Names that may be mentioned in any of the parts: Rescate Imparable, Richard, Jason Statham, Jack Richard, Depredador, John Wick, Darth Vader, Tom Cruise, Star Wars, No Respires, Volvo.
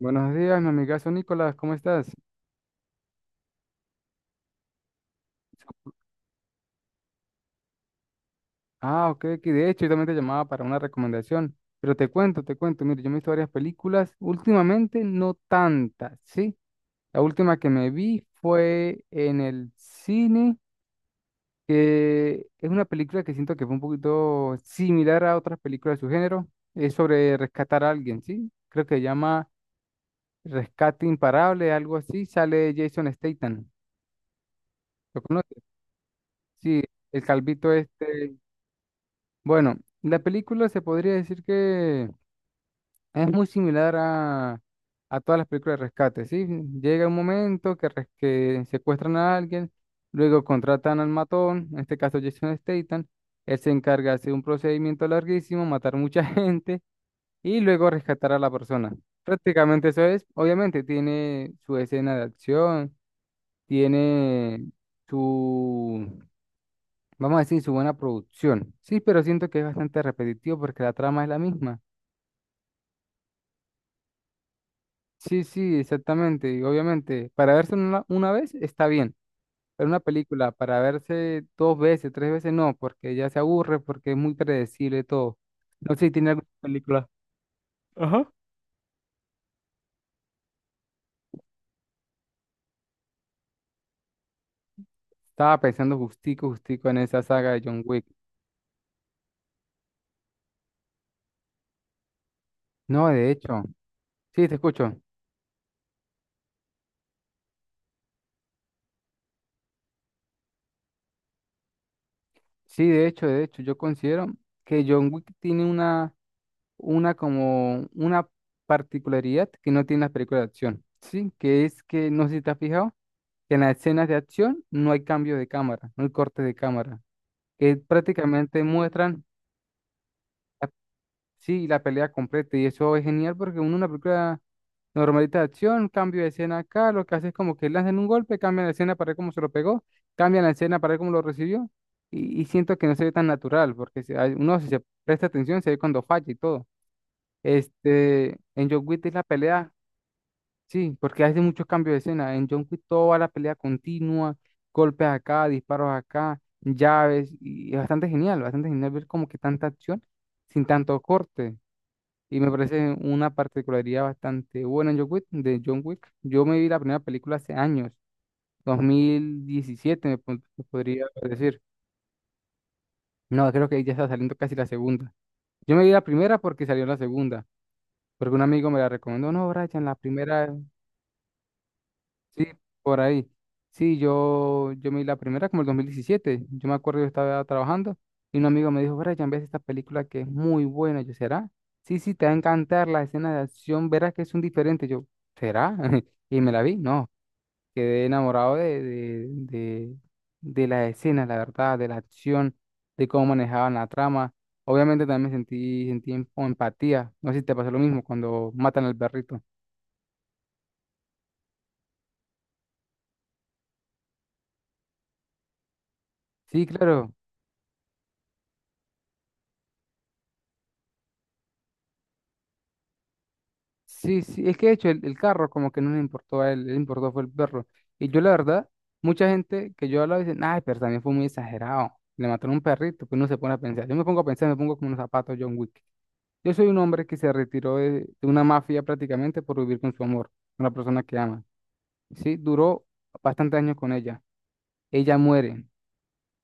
Buenos días, mi amigazo Nicolás, ¿cómo estás? Ah, ok, que de hecho yo también te llamaba para una recomendación, pero te cuento, mire, yo me he visto varias películas, últimamente no tantas, ¿sí? La última que me vi fue en el cine, que es una película que siento que fue un poquito similar a otras películas de su género, es sobre rescatar a alguien, ¿sí? Creo que se llama Rescate Imparable, algo así, sale Jason Statham, ¿lo conoces? Sí, el calvito este... Bueno, la película se podría decir que es muy similar a todas las películas de rescate, ¿sí? Llega un momento que, que secuestran a alguien, luego contratan al matón, en este caso Jason Statham, él se encarga de hacer un procedimiento larguísimo, matar mucha gente y luego rescatar a la persona. Prácticamente eso es, obviamente tiene su escena de acción, tiene vamos a decir su buena producción. Sí, pero siento que es bastante repetitivo porque la trama es la misma. Sí, sí, exactamente. Y obviamente, para verse una vez está bien, pero una película para verse dos veces, tres veces no, porque ya se aburre, porque es muy predecible todo. No sé si tiene alguna película. Ajá. Estaba pensando justico, justico en esa saga de John Wick. No, de hecho, sí, te escucho. Sí, de hecho, yo considero que John Wick tiene una particularidad que no tiene las películas de acción, ¿sí? Que es que, no sé si te has fijado, que en las escenas de acción no hay cambio de cámara, no hay corte de cámara, que prácticamente muestran, sí, la pelea completa y eso es genial porque uno en una película normalita de acción, cambio de escena acá, lo que hace es como que lanzan un golpe, cambian la escena para ver cómo se lo pegó, cambian la escena para ver cómo lo recibió y siento que no se ve tan natural porque si hay- uno si se presta atención se ve cuando falla y todo. Este, en John Wick es la pelea. Sí, porque hace muchos cambios de escena. En John Wick todo va a la pelea continua, golpes acá, disparos acá, llaves, y es bastante genial ver como que tanta acción sin tanto corte. Y me parece una particularidad bastante buena en John Wick, de John Wick. Yo me vi la primera película hace años, 2017 me podría decir. No, creo que ya está saliendo casi la segunda. Yo me vi la primera porque salió la segunda, porque un amigo me la recomendó, no, Brian, la primera. Sí, por ahí. Sí, yo me vi la primera como el 2017. Yo me acuerdo, yo estaba trabajando y un amigo me dijo, Brian, ves esta película que es muy buena. Yo, ¿será? Sí, sí, te va a encantar la escena de acción, verás que es un diferente. Yo, ¿será? Y me la vi, no. Quedé enamorado de las escenas, la verdad, de la acción, de cómo manejaban la trama. Obviamente también me sentí empatía. No sé si te pasó lo mismo cuando matan al perrito. Sí, claro. Sí, sí, es que de hecho el carro como que no le importó a él, le importó fue el perro. Y yo la verdad, mucha gente que yo hablaba dicen, ay, pero también fue muy exagerado. Le mataron un perrito, pues uno se pone a pensar. Yo me pongo a pensar, me pongo como unos zapatos John Wick. Yo soy un hombre que se retiró de una mafia prácticamente por vivir con su amor, con la persona que ama. Sí, duró bastantes años con ella. Ella muere.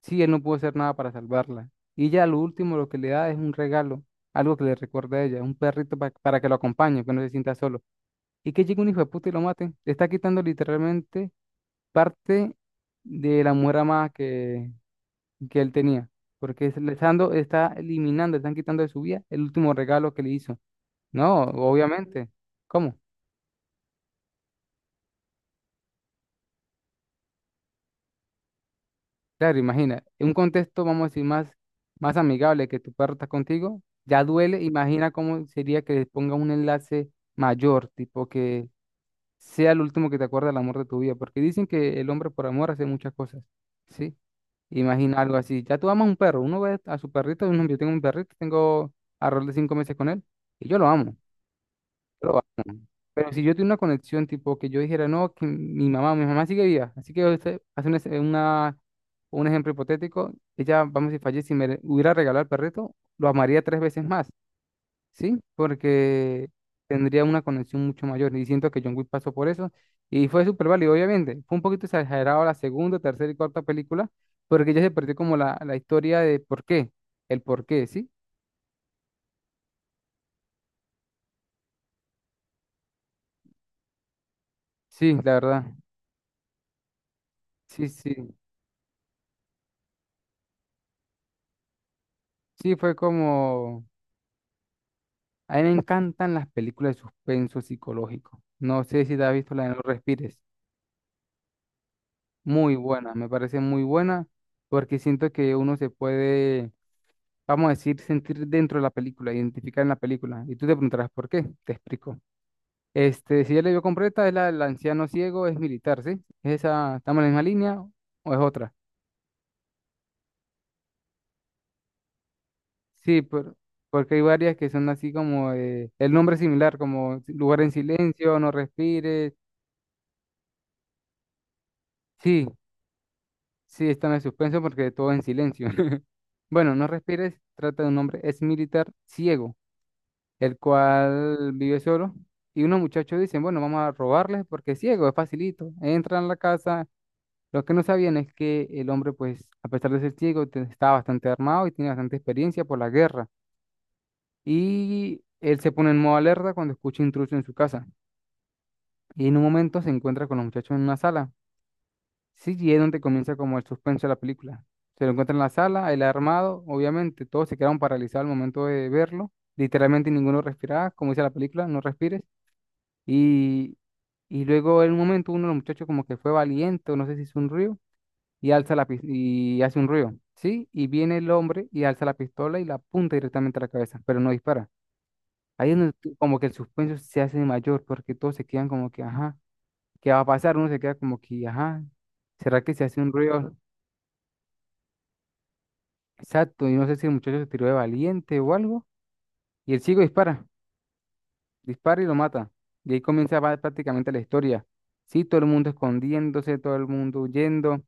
Sí, él no pudo hacer nada para salvarla. Y ya lo último, lo que le da es un regalo, algo que le recuerda a ella, un perrito para que lo acompañe, que no se sienta solo. Y que llegue un hijo de puta y lo mate. Le está quitando literalmente parte de la mujer amada que él tenía. Porque se le está dando, está eliminando, le están quitando de su vida el último regalo que le hizo. No, obviamente. ¿Cómo? Claro, imagina. En un contexto, vamos a decir, más amigable que tu perro está contigo, ya duele. Imagina cómo sería que le ponga un enlace mayor, tipo que sea el último que te acuerda del amor de tu vida. Porque dicen que el hombre por amor hace muchas cosas. ¿Sí? Imagina algo así. Ya tú amas un perro. Uno ve a su perrito. Yo tengo un perrito, tengo alrededor de 5 meses con él. Y yo lo amo. Lo amo. Pero si yo tengo una conexión, tipo que yo dijera, no, que mi mamá sigue viva. Así que usted hace un ejemplo hipotético. Ella, vamos, si fallece y hubiera regalado al perrito, lo amaría tres veces más. Sí, porque tendría una conexión mucho mayor. Y siento que John Wick pasó por eso. Y fue súper válido, obviamente. Fue un poquito exagerado la segunda, tercera y cuarta película, porque ya se perdió como la historia de por qué. El por qué, ¿sí? Sí, la verdad. Sí, sí. Sí, fue como... A mí me encantan las películas de suspenso psicológico. No sé si te has visto la de No Respires. Muy buena, me parece muy buena, porque siento que uno se puede vamos a decir, sentir dentro de la película, identificar en la película. Y tú te preguntarás por qué, te explico. Este, si ya la vio completa, es la del anciano ciego, es militar, ¿sí? ¿Es esa, estamos en la misma línea o es otra? Sí, porque hay varias que son así como el nombre es similar, como si, lugar en silencio, no respires. Sí, sí, está en suspenso porque todo en silencio. Bueno, no respires, trata de un hombre, es militar ciego el cual vive solo. Y unos muchachos dicen, bueno, vamos a robarles porque es ciego, es facilito. Entran a la casa. Lo que no sabían es que el hombre, pues, a pesar de ser ciego, estaba bastante armado y tiene bastante experiencia por la guerra. Y él se pone en modo alerta cuando escucha intruso en su casa. Y en un momento se encuentra con los muchachos en una sala. Sí, y es donde comienza como el suspenso de la película. Se lo encuentra en la sala, él armado, obviamente, todos se quedaron paralizados al momento de verlo. Literalmente ninguno respiraba, como dice la película, no respires. Y, y luego en un momento uno de los muchachos como que fue valiente, o no sé si hizo un ruido, y hace un ruido, ¿sí? Y viene el hombre y alza la pistola y la apunta directamente a la cabeza, pero no dispara. Ahí es donde como que el suspenso se hace mayor, porque todos se quedan como que, ajá, ¿qué va a pasar? Uno se queda como que, ajá, ¿será que se hace un ruido? Exacto, y no sé si el muchacho se tiró de valiente o algo, y el chico dispara. Dispara y lo mata. Y ahí comienza prácticamente la historia. Sí, todo el mundo escondiéndose, todo el mundo huyendo,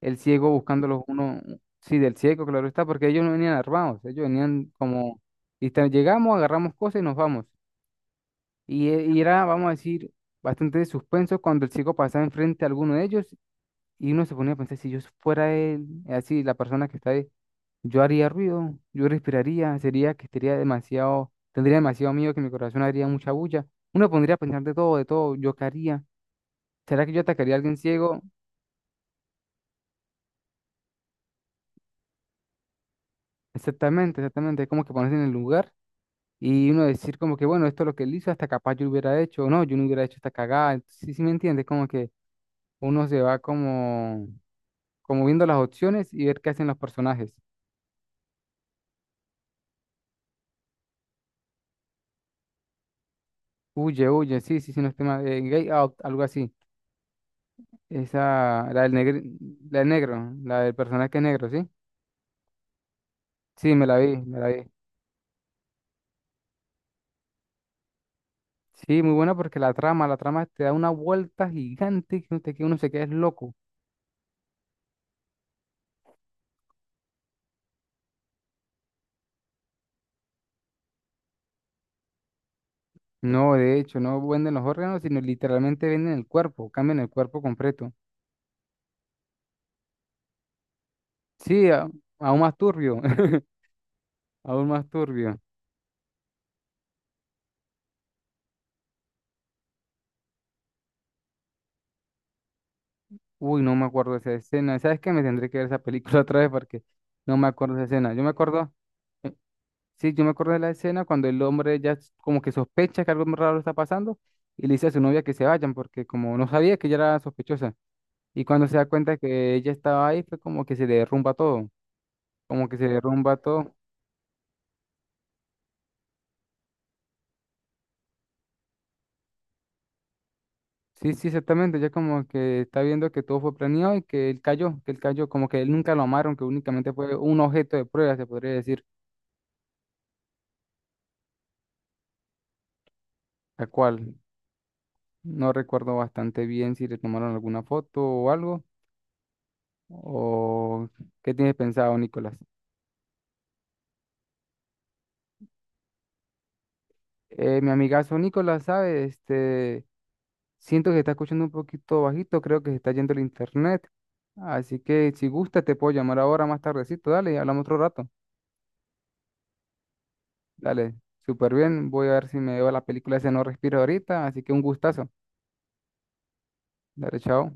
el ciego buscando los uno, sí, del ciego, claro está, porque ellos no venían armados, ellos venían como, y llegamos, agarramos cosas y nos vamos. Y, y era, vamos a decir, bastante de suspenso cuando el ciego pasaba enfrente a alguno de ellos y uno se ponía a pensar, si yo fuera él, así, la persona que está yo haría ruido, yo respiraría, sería que estaría demasiado, tendría demasiado miedo que mi corazón haría mucha bulla. Uno pondría a pensar de todo, yo qué haría. ¿Será que yo atacaría a alguien ciego? Exactamente, exactamente, es como que ponerse en el lugar y uno decir como que, bueno, esto es lo que él hizo, hasta capaz yo lo hubiera hecho, o no, yo no hubiera hecho esta cagada. Sí, sí me entiendes, como que uno se va como, como viendo las opciones y ver qué hacen los personajes. Huye, huye, sí, sí, sí, no es tema de gay out, algo así. Esa, la del negro, la del negro, la del personaje que es negro, ¿sí? Sí, me la vi, me la vi. Sí, muy buena porque la trama te da una vuelta gigante que, usted, que uno se queda es loco. No, de hecho, no venden los órganos, sino literalmente venden el cuerpo, cambian el cuerpo completo. Sí, aún más turbio, aún más turbio. Uy, no me acuerdo de esa escena. ¿Sabes qué? Me tendré que ver esa película otra vez porque no me acuerdo de esa escena. Yo me acuerdo, eh, sí, yo me acuerdo de la escena cuando el hombre ya como que sospecha que algo raro está pasando y le dice a su novia que se vayan porque como no sabía que ella era sospechosa. Y cuando se da cuenta que ella estaba ahí, fue como que se le derrumba todo, como que se derrumba todo. Sí, sí, exactamente, ya como que está viendo que todo fue planeado y que él cayó, como que él nunca lo amaron, que únicamente fue un objeto de prueba, se podría decir, la cual no recuerdo bastante bien si le tomaron alguna foto o algo, o qué tienes pensado, Nicolás. Mi amigazo Nicolás, ¿sabe? Este... Siento que se está escuchando un poquito bajito, creo que se está yendo el internet. Así que si gusta, te puedo llamar ahora más tardecito, dale, y hablamos otro rato. Dale, súper bien. Voy a ver si me veo la película ese No Respiro ahorita, así que un gustazo. Dale, chao.